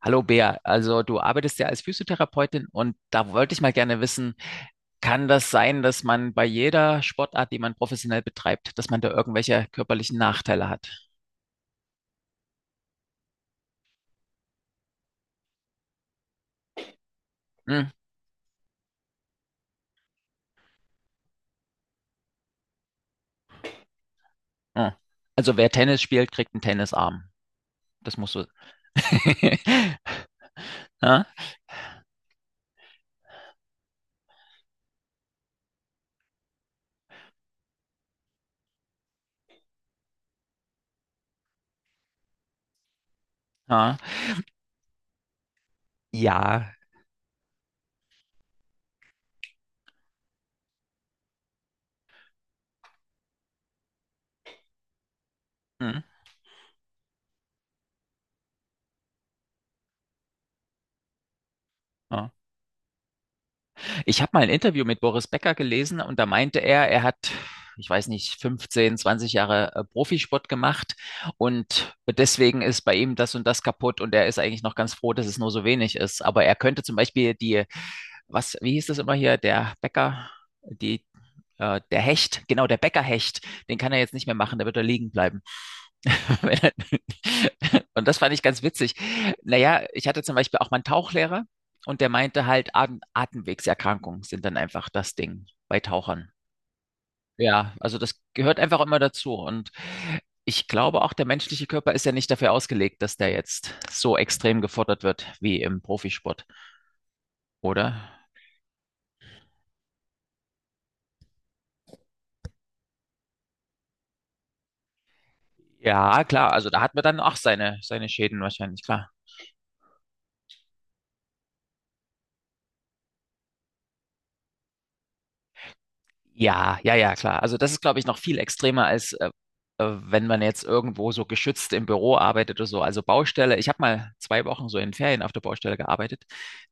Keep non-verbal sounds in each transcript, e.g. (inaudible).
Hallo Bea, also du arbeitest ja als Physiotherapeutin und da wollte ich mal gerne wissen, kann das sein, dass man bei jeder Sportart, die man professionell betreibt, dass man da irgendwelche körperlichen Nachteile hat? Hm? Hm. Also wer Tennis spielt, kriegt einen Tennisarm. Das musst du. (laughs) Ja? Ja. Ja, Hm? Oh. Ich habe mal ein Interview mit Boris Becker gelesen und da meinte er, er hat, ich weiß nicht, 15, 20 Jahre Profisport gemacht und deswegen ist bei ihm das und das kaputt und er ist eigentlich noch ganz froh, dass es nur so wenig ist. Aber er könnte zum Beispiel die, was, wie hieß das immer hier, der Becker, die, der Hecht, genau, der Beckerhecht, den kann er jetzt nicht mehr machen, der wird da liegen bleiben. (laughs) Und das fand ich ganz witzig. Naja, ich hatte zum Beispiel auch mal einen Tauchlehrer und der meinte halt, Atemwegserkrankungen sind dann einfach das Ding bei Tauchern. Ja, also das gehört einfach immer dazu. Und ich glaube auch, der menschliche Körper ist ja nicht dafür ausgelegt, dass der jetzt so extrem gefordert wird wie im Profisport, oder? Ja, klar, also da hat man dann auch seine Schäden wahrscheinlich, klar. Ja, ja, ja, klar. Also das ist, glaube ich, noch viel extremer als wenn man jetzt irgendwo so geschützt im Büro arbeitet oder so. Also Baustelle. Ich habe mal zwei Wochen so in Ferien auf der Baustelle gearbeitet.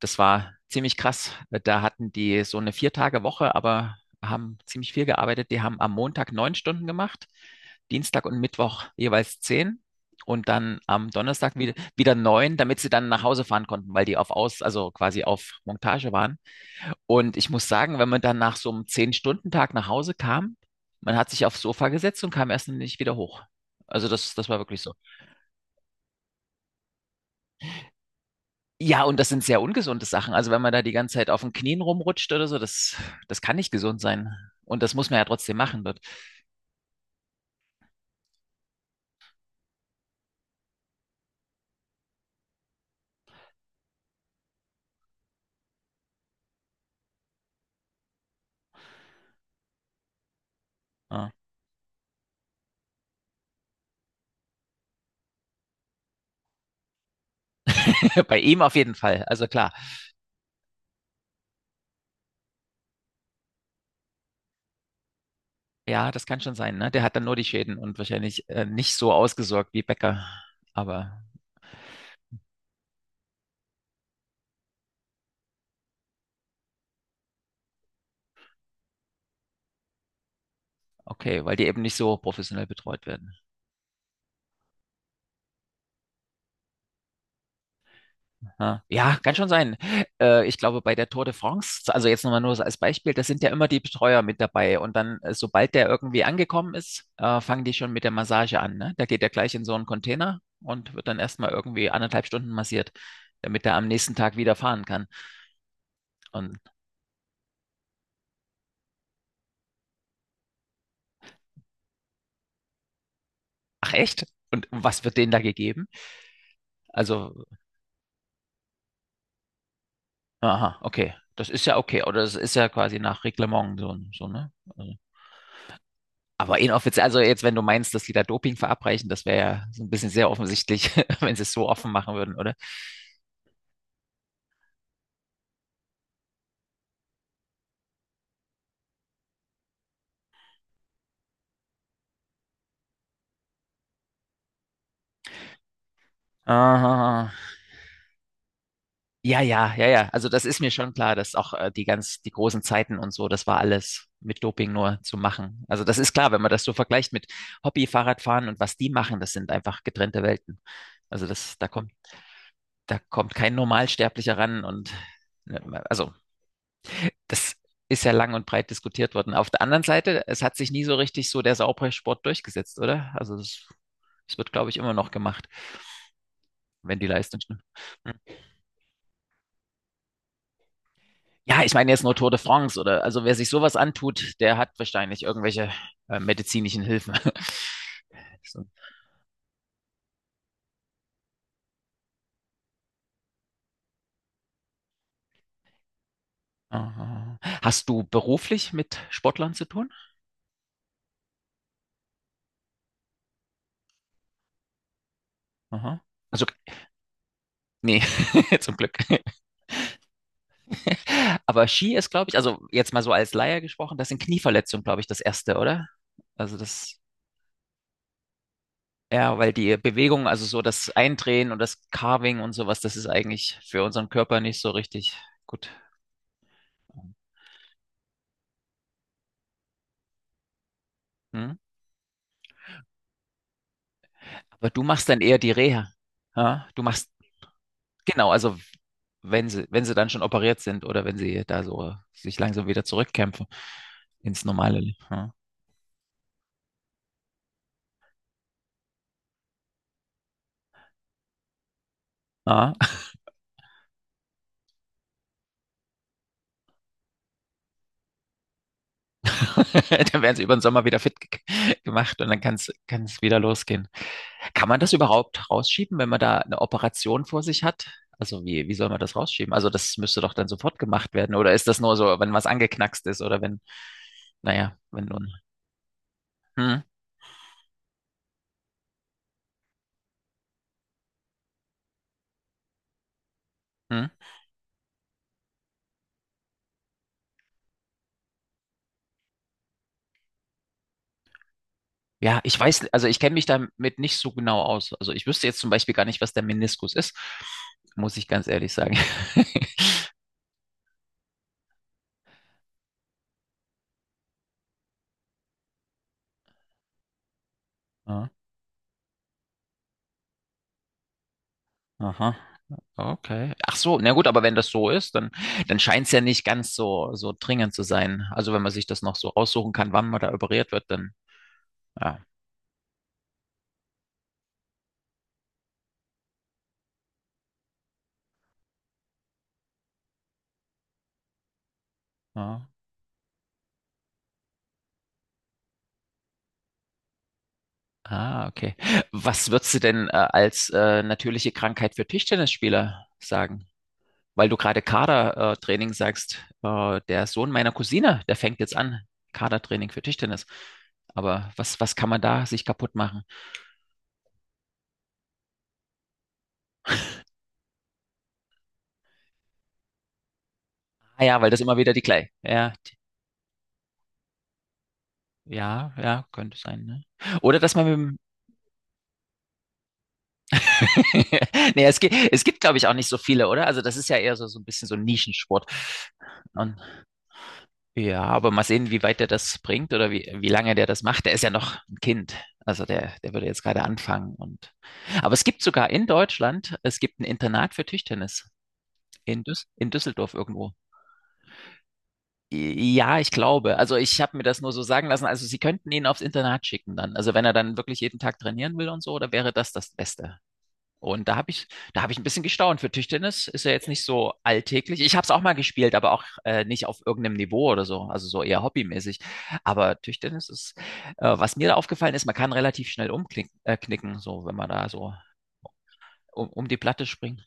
Das war ziemlich krass. Da hatten die so eine Vier-Tage-Woche, aber haben ziemlich viel gearbeitet. Die haben am Montag neun Stunden gemacht, Dienstag und Mittwoch jeweils zehn und dann am Donnerstag wieder neun, damit sie dann nach Hause fahren konnten, weil die also quasi auf Montage waren. Und ich muss sagen, wenn man dann nach so einem Zehn-Stunden-Tag nach Hause kam, man hat sich aufs Sofa gesetzt und kam erst nicht wieder hoch. Also das war wirklich so. Ja, und das sind sehr ungesunde Sachen. Also wenn man da die ganze Zeit auf den Knien rumrutscht oder so, das kann nicht gesund sein. Und das muss man ja trotzdem machen dort. Ja. (laughs) Bei ihm auf jeden Fall. Also klar. Ja, das kann schon sein, ne? Der hat dann nur die Schäden und wahrscheinlich nicht so ausgesorgt wie Becker. Aber okay, weil die eben nicht so professionell betreut werden. Ja, Ja, kann schon sein. Ich glaube, bei der Tour de France, also jetzt nochmal nur so als Beispiel, da sind ja immer die Betreuer mit dabei. Und dann, sobald der irgendwie angekommen ist, fangen die schon mit der Massage an, ne? Da geht er gleich in so einen Container und wird dann erstmal irgendwie anderthalb Stunden massiert, damit er am nächsten Tag wieder fahren kann. Und, ach echt? Und was wird denen da gegeben? Also, aha, okay. Das ist ja okay. Oder das ist ja quasi nach Reglement so, so, ne? Also, aber inoffiziell, also jetzt, wenn du meinst, dass die da Doping verabreichen, das wäre ja so ein bisschen sehr offensichtlich, (laughs) wenn sie es so offen machen würden, oder? Aha. Ja, ja, ja, ja. Also das ist mir schon klar, dass auch die großen Zeiten und so, das war alles mit Doping nur zu machen. Also das ist klar, wenn man das so vergleicht mit Hobby-Fahrradfahren und was die machen, das sind einfach getrennte Welten. Also das, da kommt, da kommt kein Normalsterblicher ran und ne, also das ist ja lang und breit diskutiert worden. Auf der anderen Seite, es hat sich nie so richtig so der Sauerbrei-Sport durchgesetzt, oder? Also das wird, glaube ich, immer noch gemacht, wenn die Leistung stimmt. Hm. Ja, ich meine jetzt nur Tour de France, oder? Also wer sich sowas antut, der hat wahrscheinlich irgendwelche medizinischen Hilfen. (laughs) So. Aha. Hast du beruflich mit Sportlern zu tun? Aha. Also Nee, (laughs) zum Glück. (laughs) Aber Ski ist, glaube ich, also jetzt mal so als Laie gesprochen, das sind Knieverletzungen, glaube ich, das erste, oder? Also das ja, weil die Bewegung, also so das Eindrehen und das Carving und sowas, das ist eigentlich für unseren Körper nicht so richtig gut. Hm? Aber du machst dann eher die Reha. Ja? Du machst, genau, also wenn sie dann schon operiert sind oder wenn sie da so sich langsam wieder zurückkämpfen ins normale Leben. Ja? Ja? (laughs) Dann werden sie über den Sommer wieder fit gemacht und dann kann es wieder losgehen. Kann man das überhaupt rausschieben, wenn man da eine Operation vor sich hat? Also wie soll man das rausschieben? Also das müsste doch dann sofort gemacht werden. Oder ist das nur so, wenn was angeknackst ist oder wenn, naja, wenn nun. Hm, hm. Ja, ich weiß, also ich kenne mich damit nicht so genau aus. Also ich wüsste jetzt zum Beispiel gar nicht, was der Meniskus ist, muss ich ganz ehrlich sagen. (laughs) Ah, aha, okay. Ach so, na gut, aber wenn das so ist, dann scheint es ja nicht ganz so, so dringend zu sein. Also wenn man sich das noch so raussuchen kann, wann man da operiert wird, dann ja. Ja. Ah, okay. Was würdest du denn als natürliche Krankheit für Tischtennisspieler sagen? Weil du gerade Kadertraining sagst, der Sohn meiner Cousine, der fängt jetzt an, Kadertraining für Tischtennis. Aber was kann man da sich kaputt machen? Ah ja, weil das immer wieder die gleiche. Ja, ja, ja, könnte sein, ne? Oder dass man mit dem (laughs) Nee, es gibt, glaube ich, auch nicht so viele, oder? Also das ist ja eher so ein bisschen so ein Nischensport. Ja, aber mal sehen, wie weit der das bringt oder wie lange der das macht. Der ist ja noch ein Kind. Also der würde jetzt gerade anfangen und, aber es gibt sogar in Deutschland, es gibt ein Internat für Tischtennis in Düs in Düsseldorf irgendwo. Ja, ich glaube. Also ich habe mir das nur so sagen lassen. Also sie könnten ihn aufs Internat schicken dann. Also wenn er dann wirklich jeden Tag trainieren will und so, da wäre das das Beste. Und da habe ich ein bisschen gestaunt. Für Tischtennis ist ja jetzt nicht so alltäglich. Ich habe es auch mal gespielt, aber auch nicht auf irgendeinem Niveau oder so, also so eher hobbymäßig. Aber Tischtennis ist, was mir da aufgefallen ist, man kann relativ schnell umknicken, knicken, so wenn man da so um die Platte springt.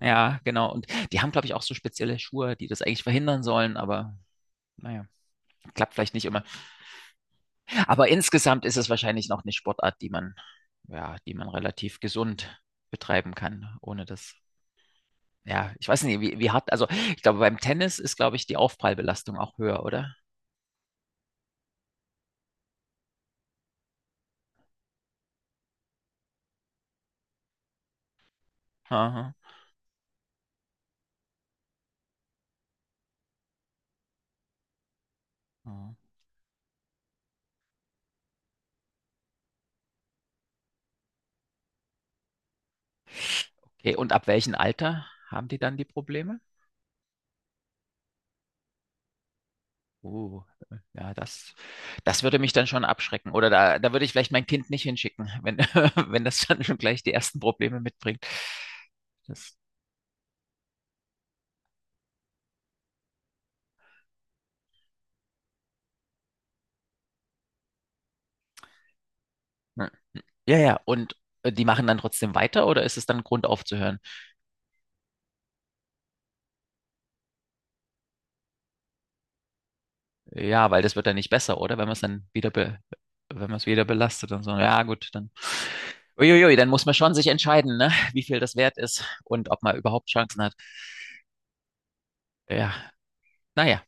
Ja, genau. Und die haben, glaube ich, auch so spezielle Schuhe, die das eigentlich verhindern sollen, aber naja, klappt vielleicht nicht immer. Aber insgesamt ist es wahrscheinlich noch eine Sportart, die man, ja, die man relativ gesund betreiben kann, ohne dass ja, ich weiß nicht, wie hart, also ich glaube, beim Tennis ist, glaube ich, die Aufprallbelastung auch höher, oder? Aha. Ah, okay, und ab welchem Alter haben die dann die Probleme? Uh, ja, das würde mich dann schon abschrecken. Oder da würde ich vielleicht mein Kind nicht hinschicken, wenn, (laughs) wenn das dann schon gleich die ersten Probleme mitbringt. Das, ja, ja, ja, und die machen dann trotzdem weiter oder ist es dann Grund aufzuhören? Ja, weil das wird dann nicht besser, oder? Wenn man es dann wieder be wenn man es wieder belastet und so. Ja, gut, dann. Uiuiui, dann muss man schon sich entscheiden, ne? Wie viel das wert ist und ob man überhaupt Chancen hat. Ja, naja.